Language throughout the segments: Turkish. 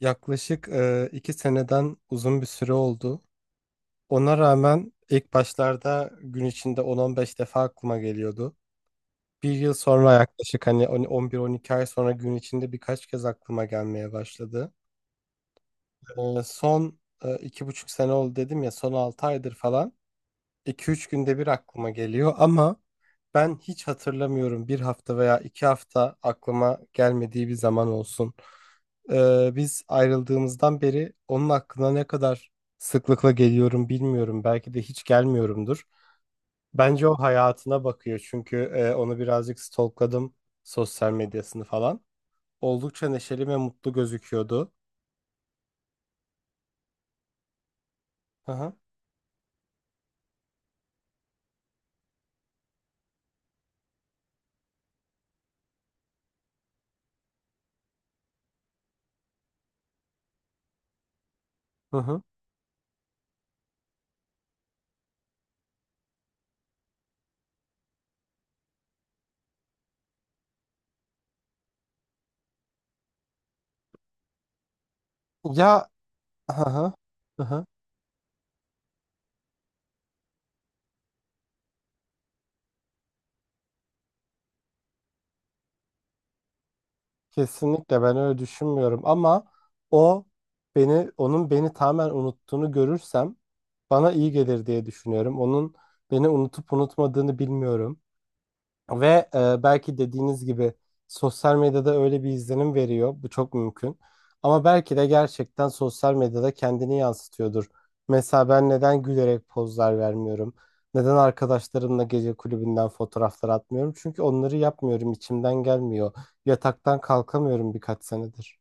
Yaklaşık 2 seneden uzun bir süre oldu. Ona rağmen ilk başlarda gün içinde 10-15 defa aklıma geliyordu. Bir yıl sonra yaklaşık hani 11-12 ay sonra gün içinde birkaç kez aklıma gelmeye başladı. Son 2,5 sene oldu dedim ya son 6 aydır falan. 2 üç günde bir aklıma geliyor ama ben hiç hatırlamıyorum bir hafta veya 2 hafta aklıma gelmediği bir zaman olsun. Biz ayrıldığımızdan beri onun aklına ne kadar sıklıkla geliyorum bilmiyorum. Belki de hiç gelmiyorumdur. Bence o hayatına bakıyor çünkü onu birazcık stalkladım sosyal medyasını falan. Oldukça neşeli ve mutlu gözüküyordu. Hı hı. Hı hı. Ya, hı hı. Hı hı. Kesinlikle ben öyle düşünmüyorum ama o beni onun beni tamamen unuttuğunu görürsem bana iyi gelir diye düşünüyorum. Onun beni unutup unutmadığını bilmiyorum. Ve belki dediğiniz gibi sosyal medyada öyle bir izlenim veriyor. Bu çok mümkün. Ama belki de gerçekten sosyal medyada kendini yansıtıyordur. Mesela ben neden gülerek pozlar vermiyorum? Neden arkadaşlarımla gece kulübünden fotoğraflar atmıyorum? Çünkü onları yapmıyorum, içimden gelmiyor. Yataktan kalkamıyorum birkaç senedir.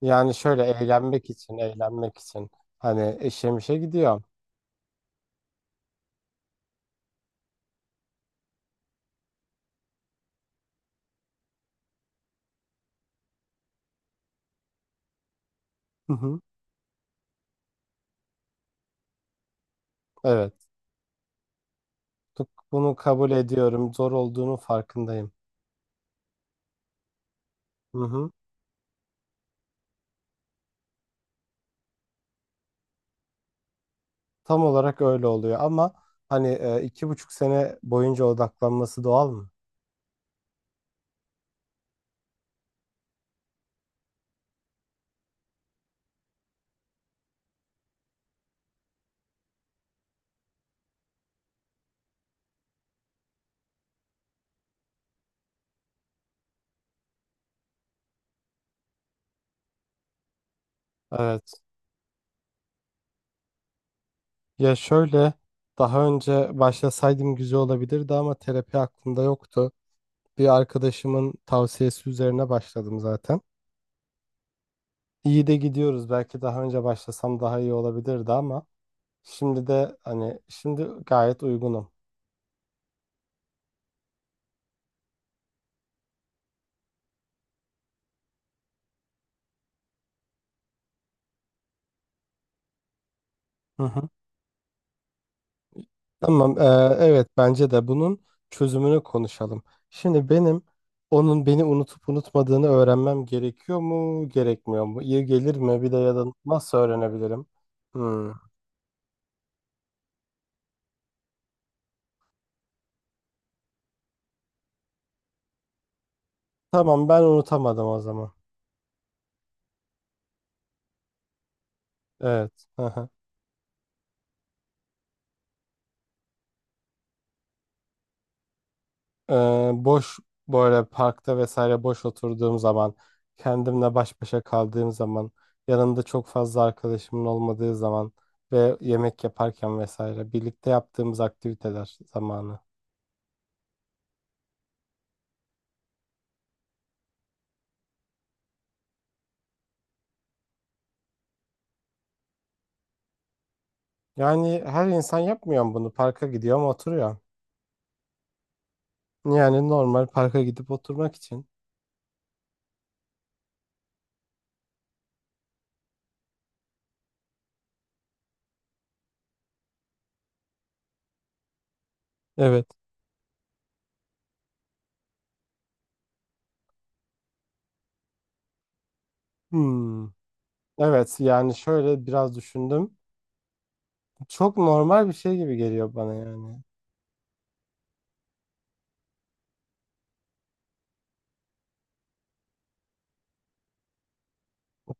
Yani şöyle eğlenmek için, eğlenmek için. Hani eşemişe mişe gidiyor. Hı hı. Evet. Bunu kabul ediyorum. Zor olduğunun farkındayım. Hı hı. Tam olarak öyle oluyor ama hani 2,5 sene boyunca odaklanması doğal mı? Evet. Ya şöyle daha önce başlasaydım güzel olabilirdi ama terapi aklımda yoktu. Bir arkadaşımın tavsiyesi üzerine başladım zaten. İyi de gidiyoruz. Belki daha önce başlasam daha iyi olabilirdi ama şimdi de hani şimdi gayet uygunum. Hı hı. Tamam, evet bence de bunun çözümünü konuşalım. Şimdi benim onun beni unutup unutmadığını öğrenmem gerekiyor mu, gerekmiyor mu? İyi gelir mi? Bir de ya da nasıl öğrenebilirim? Hmm. Tamam, ben unutamadım o zaman. Evet. Hı hı. Boş böyle parkta vesaire boş oturduğum zaman, kendimle baş başa kaldığım zaman, yanımda çok fazla arkadaşımın olmadığı zaman ve yemek yaparken vesaire birlikte yaptığımız aktiviteler zamanı. Yani her insan yapmıyor mu bunu? Parka gidiyor ama oturuyor. Yani normal parka gidip oturmak için. Evet. Hmm. Evet yani şöyle biraz düşündüm. Çok normal bir şey gibi geliyor bana yani.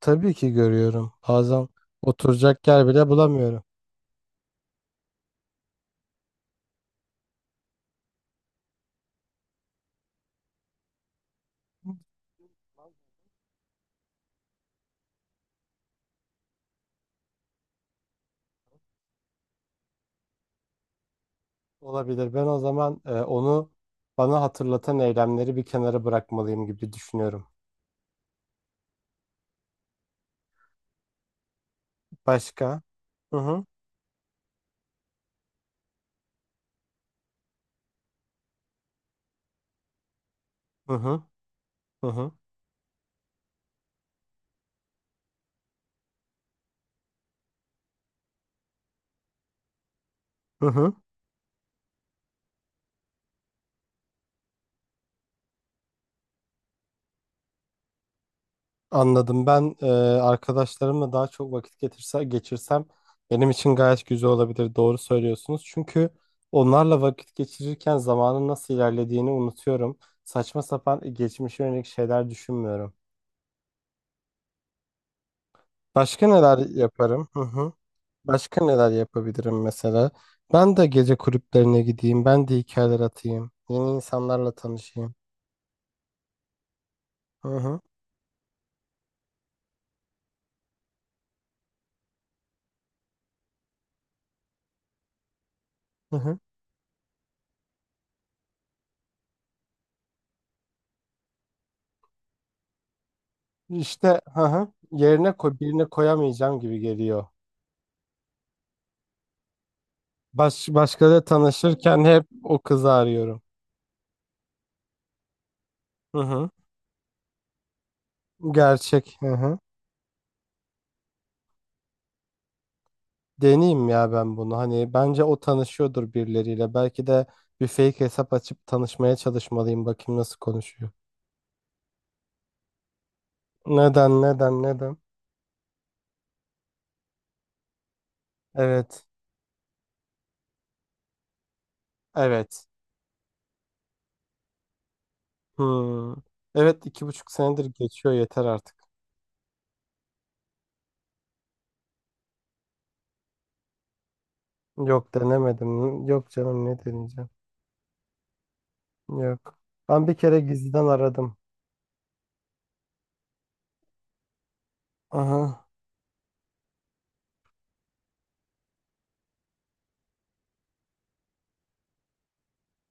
Tabii ki görüyorum. Bazen oturacak yer bile bulamıyorum. Olabilir. Ben o zaman onu bana hatırlatan eylemleri bir kenara bırakmalıyım gibi düşünüyorum. Başka? Hı hı. Hı hı. Hı hı. Hı hı. Anladım. Ben arkadaşlarımla daha çok vakit getirse, geçirsem benim için gayet güzel olabilir. Doğru söylüyorsunuz. Çünkü onlarla vakit geçirirken zamanın nasıl ilerlediğini unutuyorum. Saçma sapan geçmişe yönelik şeyler düşünmüyorum. Başka neler yaparım? Hı hı. Başka neler yapabilirim mesela? Ben de gece kulüplerine gideyim. Ben de hikayeler atayım. Yeni insanlarla tanışayım. Hı hı. Hı hı. İşte, hı hı. Yerine koy, birine koyamayacağım gibi geliyor. Başkaları tanışırken hep o kızı arıyorum. Hı hı. Gerçek. Hı hı. Deneyeyim ya ben bunu. Hani bence o tanışıyordur birileriyle. Belki de bir fake hesap açıp tanışmaya çalışmalıyım. Bakayım nasıl konuşuyor. Neden, neden, neden? Evet. Evet. Hmm. Evet 2,5 senedir geçiyor yeter artık. Yok denemedim. Yok canım ne deneyeceğim. Yok. Ben bir kere gizliden aradım. Aha.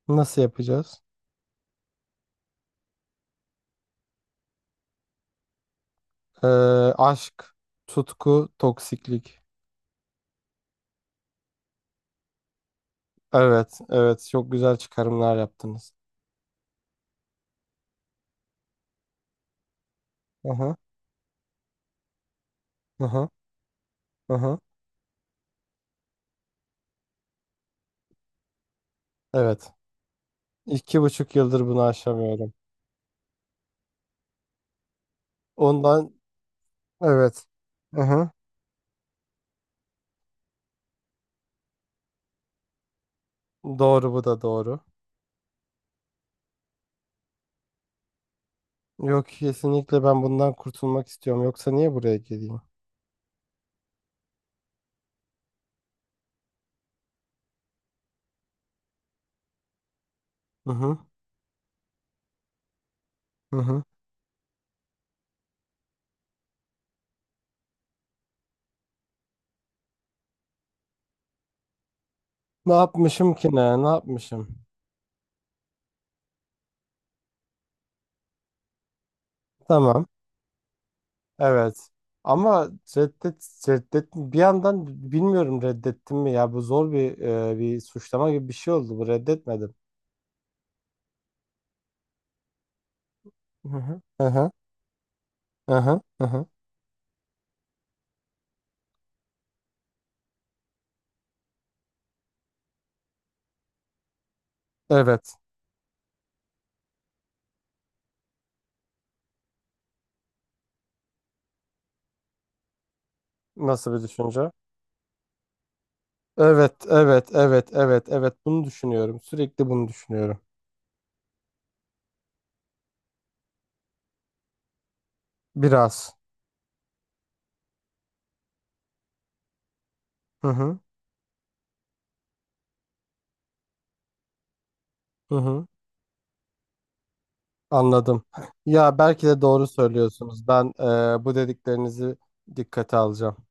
Nasıl yapacağız? Ee, aşk, tutku, toksiklik. Evet, evet. Çok güzel çıkarımlar yaptınız. Aha, aha, aha. Evet. 2,5 yıldır bunu aşamıyorum. Ondan, evet. Aha. Doğru, bu da doğru. Yok, kesinlikle ben bundan kurtulmak istiyorum. Yoksa niye buraya geleyim? Hı hı, hı hı. Ne yapmışım ki ne? Ne yapmışım? Tamam. Evet. Ama reddet bir yandan bilmiyorum reddettim mi ya, bu zor bir bir suçlama gibi bir şey oldu, bu reddetmedim. Hı hı. Hı hı. Hı hı. Hı hı. Evet. Nasıl bir düşünce? Evet, evet, evet, evet, evet. Bunu düşünüyorum. Sürekli bunu düşünüyorum. Biraz. Hı hı. Hı hı. Anladım. Ya belki de doğru söylüyorsunuz. Ben bu dediklerinizi dikkate alacağım.